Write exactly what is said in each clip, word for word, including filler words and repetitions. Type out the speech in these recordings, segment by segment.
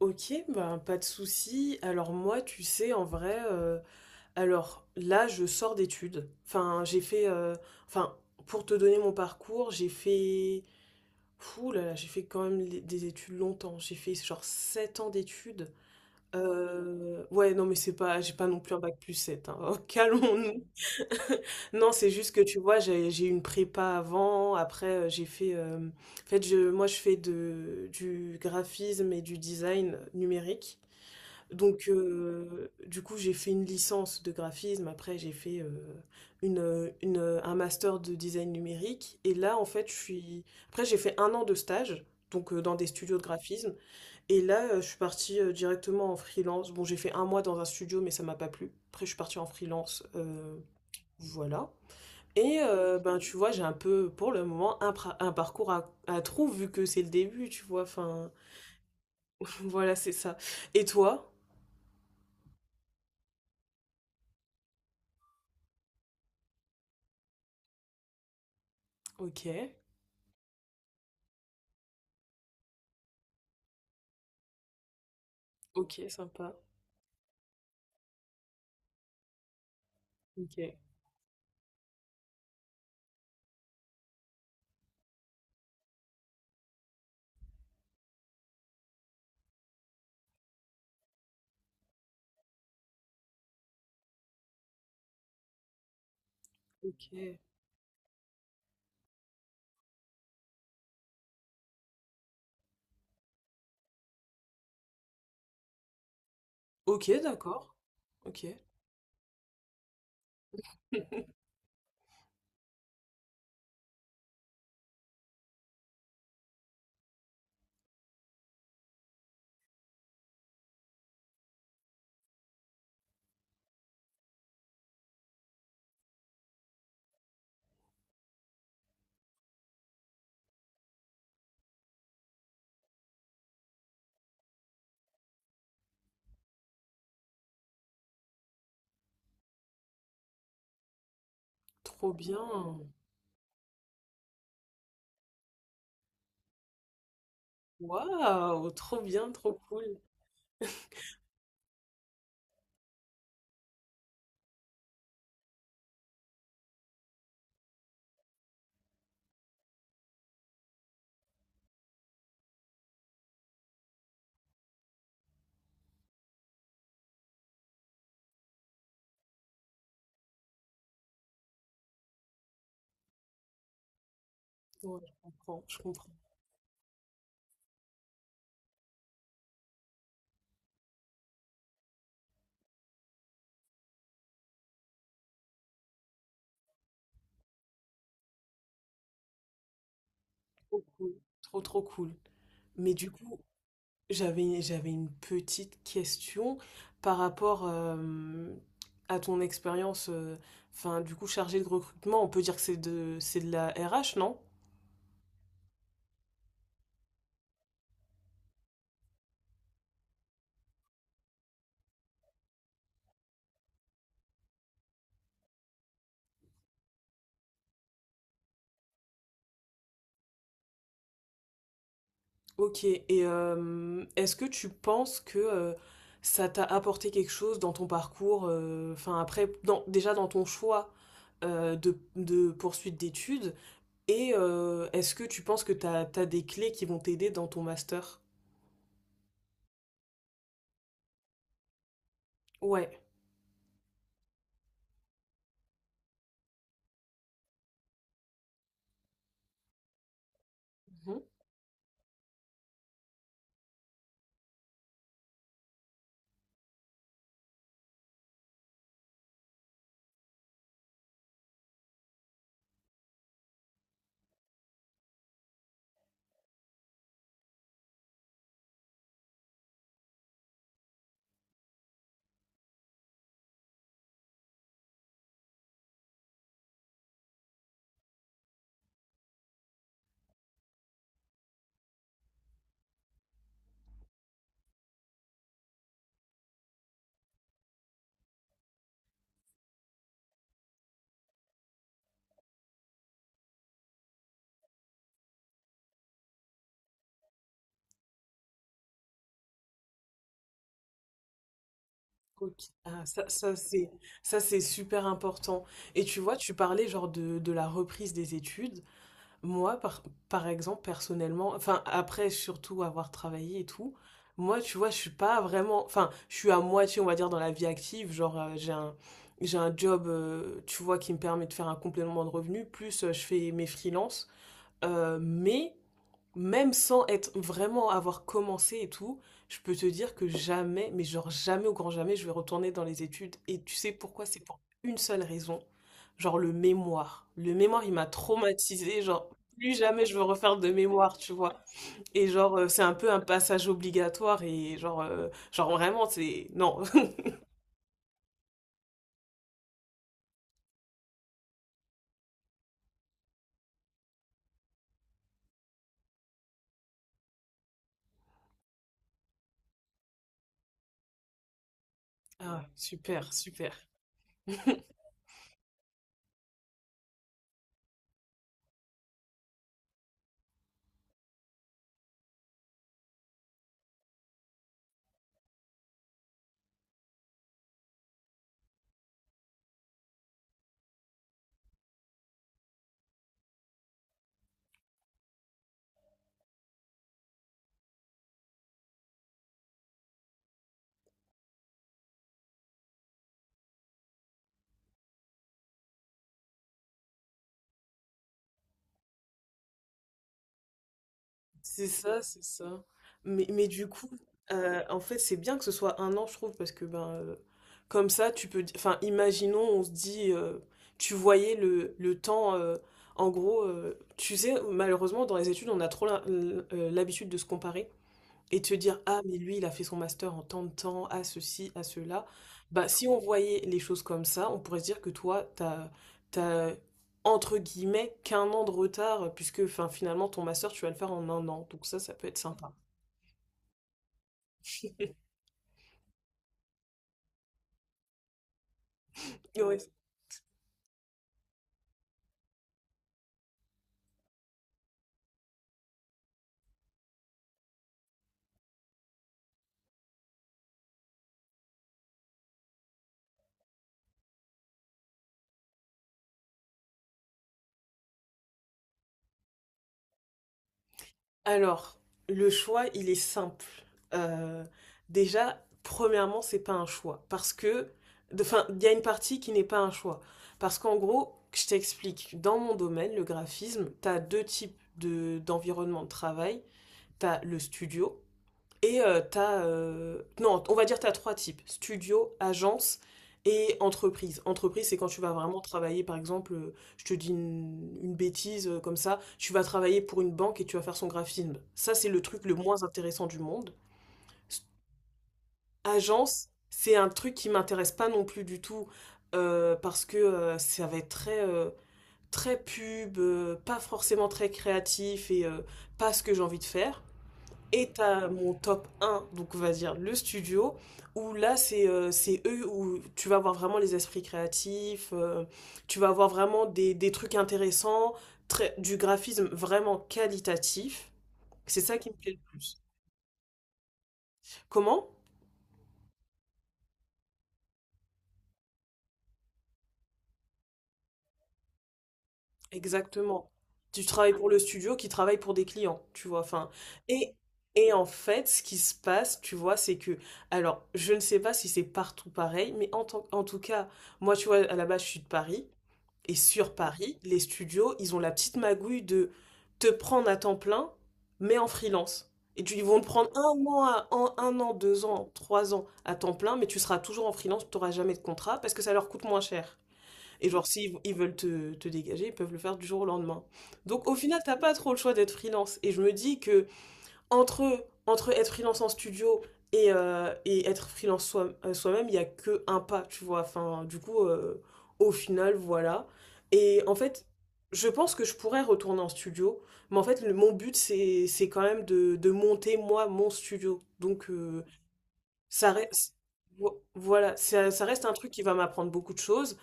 Ok, ben pas de souci. Alors moi, tu sais, en vrai, euh, alors là, je sors d'études. Enfin, j'ai fait, euh, enfin, pour te donner mon parcours, j'ai fait, fou là là, j'ai fait quand même les- des études longtemps. J'ai fait genre sept ans d'études. Euh, ouais, non, mais c'est pas, j'ai pas non plus un bac plus sept, hein. Calmons-nous. Non, c'est juste que tu vois, j'ai j'ai eu une prépa avant. Après, euh, j'ai fait. Euh, en fait, je, moi, Je fais de, du graphisme et du design numérique. Donc, euh, du coup, j'ai fait une licence de graphisme. Après, j'ai fait euh, une, euh, une, euh, un master de design numérique. Et là, en fait, je suis. Après, j'ai fait un an de stage, donc euh, dans des studios de graphisme. Et là, euh, je suis partie euh, directement en freelance. Bon, j'ai fait un mois dans un studio, mais ça m'a pas plu. Après, je suis partie en freelance. Euh, voilà. Et euh, ben, tu vois, j'ai un peu, pour le moment, un, pra- un parcours à, à trous, vu que c'est le début, tu vois. Enfin, voilà, c'est ça. Et toi? Ok, ok, sympa. OK, OK. OK, d'accord. OK. Trop bien. Waouh! Trop bien, trop cool. Ouais, je comprends, je comprends. Trop cool. Trop, trop cool. Mais du coup, j'avais, j'avais une petite question par rapport euh, à ton expérience, euh, enfin, du coup, chargée de recrutement. On peut dire que c'est de, c'est de la R H, non? Ok, et euh, est-ce que tu penses que euh, ça t'a apporté quelque chose dans ton parcours, euh, enfin après, dans- déjà dans ton choix euh, de, de poursuite d'études, et euh, est-ce que tu penses que t'as, t'as des clés qui vont t'aider dans ton master? Ouais. Mhm. Ok. Ah, ça, ça c'est ça c'est super important. Et tu vois, tu parlais genre de, de la reprise des études. Moi, par, par exemple, personnellement, enfin, après, surtout avoir travaillé et tout, moi, tu vois, je suis pas vraiment, enfin, je suis à moitié, on va dire, dans la vie active. Genre, euh, j'ai un, j'ai un job, euh, tu vois, qui me permet de faire un complément de revenu, plus euh, je fais mes freelances. Euh, mais même sans être vraiment avoir commencé et tout, je peux te dire que jamais, mais genre jamais au grand jamais, je vais retourner dans les études. Et tu sais pourquoi? C'est pour une seule raison. Genre le mémoire. Le mémoire, il m'a traumatisée. Genre, plus jamais je veux refaire de mémoire, tu vois. Et genre, euh, c'est un peu un passage obligatoire. Et genre, euh, genre vraiment, c'est... Non. Ah, super, super. C'est ça, c'est ça. Mais, mais du coup, euh, En fait, c'est bien que ce soit un an, je trouve, parce que ben, euh, comme ça, tu peux. di- Enfin, imaginons, on se dit, euh, tu voyais le, le temps. Euh, en gros, euh, tu sais, malheureusement, dans les études, on a trop la- l'habitude de se comparer et te dire, ah, mais lui, il a fait son master en tant de temps, à ceci, à cela. Bah, si on voyait les choses comme ça, on pourrait se dire que toi, t'as, t'as, entre guillemets, qu'un an de retard, puisque enfin, finalement, ton master, tu vas le faire en un an. Donc ça, ça peut être sympa. Ouais, alors, le choix, il est simple. Euh, Déjà, premièrement, c'est pas un choix. Parce que, de- enfin, il y a une partie qui n'est pas un choix. Parce qu'en gros, je t'explique, dans mon domaine, le graphisme, t'as deux types de, d'environnement de travail. T'as le studio, et euh, t'as... euh, non, on va dire t'as trois types. Studio, agence et entreprise. Entreprise, c'est quand tu vas vraiment travailler, par exemple, euh, je te dis une, une bêtise euh, comme ça, tu vas travailler pour une banque et tu vas faire son graphisme. Ça, c'est le truc le moins intéressant du monde. S- Agence, c'est un truc qui m'intéresse pas non plus du tout euh, parce que euh, ça va être très... euh, très pub, euh, pas forcément très créatif et euh, pas ce que j'ai envie de faire. Et t'as mon top un, donc on va dire le studio, où là c'est euh, c'est eux où tu vas avoir vraiment les esprits créatifs, euh, tu vas avoir vraiment des, des trucs intéressants, très, du graphisme vraiment qualitatif. C'est ça qui me plaît le plus. Comment? Exactement. Tu travailles pour le studio qui travaille pour des clients, tu vois. Enfin, et, et en fait, ce qui se passe, tu vois, c'est que, alors, je ne sais pas si c'est partout pareil, mais en, tant- en tout cas, moi, tu vois, à la base, je suis de Paris. Et sur Paris, les studios, ils ont la petite magouille de te, prendre à temps plein, mais en freelance. Et tu, ils vont te prendre un an, à- un, un an, deux ans, trois ans à temps plein, mais tu seras toujours en freelance, tu n'auras jamais de contrat parce que ça leur coûte moins cher. Et genre, s'ils ils veulent te, te dégager, ils peuvent le faire du jour au lendemain. Donc au final, t'as pas trop le choix d'être freelance. Et je me dis que entre, entre être freelance en studio et, euh, et être freelance soi- euh, soi-même, il n'y a que un pas, tu vois. Enfin, du coup, euh, au final, voilà. Et en fait, je pense que je pourrais retourner en studio, mais en fait, le- mon but, c'est, c'est quand même de, de monter, moi, mon studio. Donc, euh, ça reste, vo- voilà, ça, ça reste un truc qui va m'apprendre beaucoup de choses.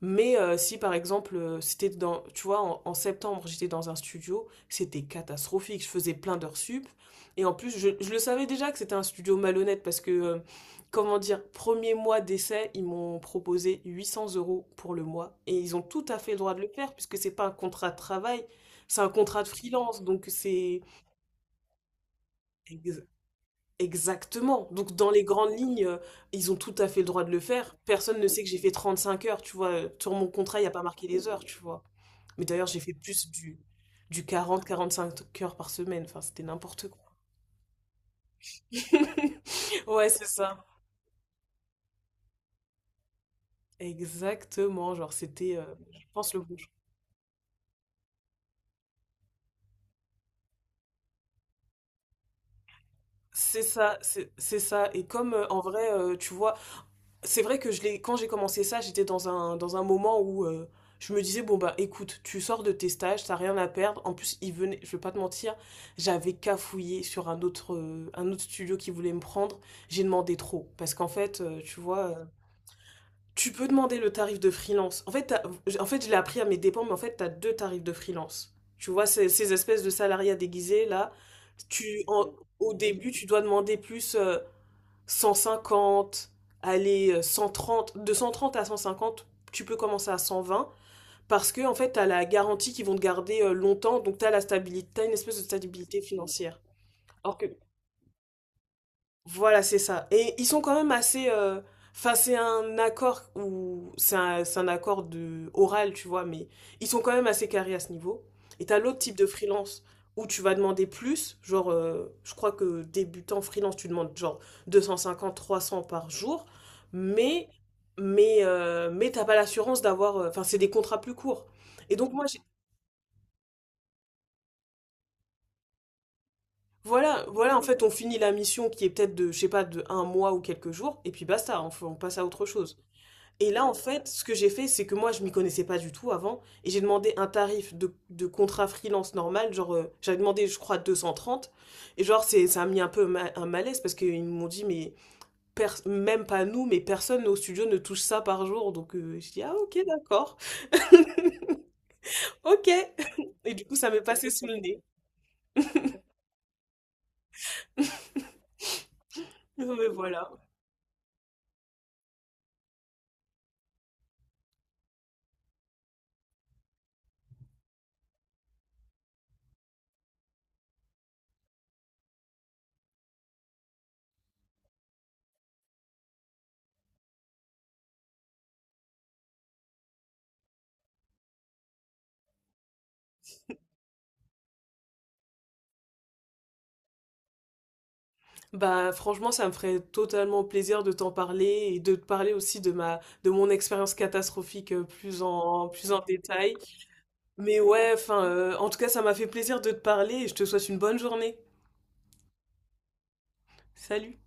Mais euh, si par exemple, euh, c'était dans, tu vois, en, en septembre, j'étais dans un studio, c'était catastrophique. Je faisais plein d'heures sup. Et en plus, je, je le savais déjà que c'était un studio malhonnête parce que, euh, comment dire, premier mois d'essai, ils m'ont proposé huit cents euros pour le mois. Et ils ont tout à fait le droit de le faire puisque c'est pas un contrat de travail, c'est un contrat de freelance. Donc c'est. Exactement. Donc, dans les grandes lignes, euh, ils ont tout à fait le droit de le faire. Personne ne sait que j'ai fait trente cinq heures, tu vois. Euh, Sur mon contrat, il n'y a pas marqué les heures, tu vois. Mais d'ailleurs, j'ai fait plus du, du quarante quarante cinq heures par semaine. Enfin, c'était n'importe quoi. Ouais, c'est ça. Exactement. Genre, c'était, euh, je pense, le bon choix. C'est ça, c'est c'est ça. Et comme, euh, en vrai, euh, tu vois, c'est vrai que je l'ai, quand j'ai commencé ça, j'étais dans un, dans un moment où euh, je me disais, bon bah écoute, tu sors de tes stages, t'as rien à perdre. En plus, il venait, je vais pas te mentir, j'avais cafouillé sur un autre, euh, un autre studio qui voulait me prendre. J'ai demandé trop. Parce qu'en fait, euh, tu vois, euh, tu peux demander le tarif de freelance. En fait, t'as- en fait je l'ai appris à mes dépens, mais en fait, t'as deux tarifs de freelance. Tu vois, ces, ces espèces de salariats déguisés, là, tu, en- au début, tu dois demander plus. euh, cent cinquante, aller cent trente, de cent trente à cent cinquante, tu peux commencer à cent vingt parce que en fait, tu as la garantie qu'ils vont te garder euh, longtemps, donc tu as la stabilité, t'as une espèce de stabilité financière. Alors que voilà, c'est ça. Et ils sont quand même assez. euh, Enfin, c'est un accord où c'est un, c'est un accord de oral, tu vois, mais ils sont quand même assez carrés à ce niveau. Et t'as l'autre type de freelance où tu vas demander plus, genre, euh, je crois que débutant freelance, tu demandes genre deux cent cinquante, trois cents par jour, mais mais euh, mais t'as pas l'assurance d'avoir, euh, enfin, c'est des contrats plus courts. Et donc moi, j'ai- voilà, voilà, en fait, on finit la mission qui est peut-être de, je sais pas, de un mois ou quelques jours, et puis basta, on, f- on passe à autre chose. Et là, en fait, ce que j'ai fait, c'est que moi, je m'y connaissais pas du tout avant, et j'ai demandé un tarif de, de contrat freelance normal, genre, euh, j'avais demandé, je crois, deux cent trente, et genre, c'est, ça a mis un peu ma- un malaise, parce qu'ils m'ont dit, mais pers- même pas nous, mais personne au studio ne touche ça par jour, donc euh, je dis, ah ok, d'accord, ok, et du coup, ça m'est passé sous le nez. Mais voilà. Bah franchement, ça me ferait totalement plaisir de t'en parler et de te parler aussi de ma de mon expérience catastrophique euh, plus en plus en détail. Mais ouais, enfin, euh, en tout cas, ça m'a fait plaisir de te parler et je te souhaite une bonne journée. Salut!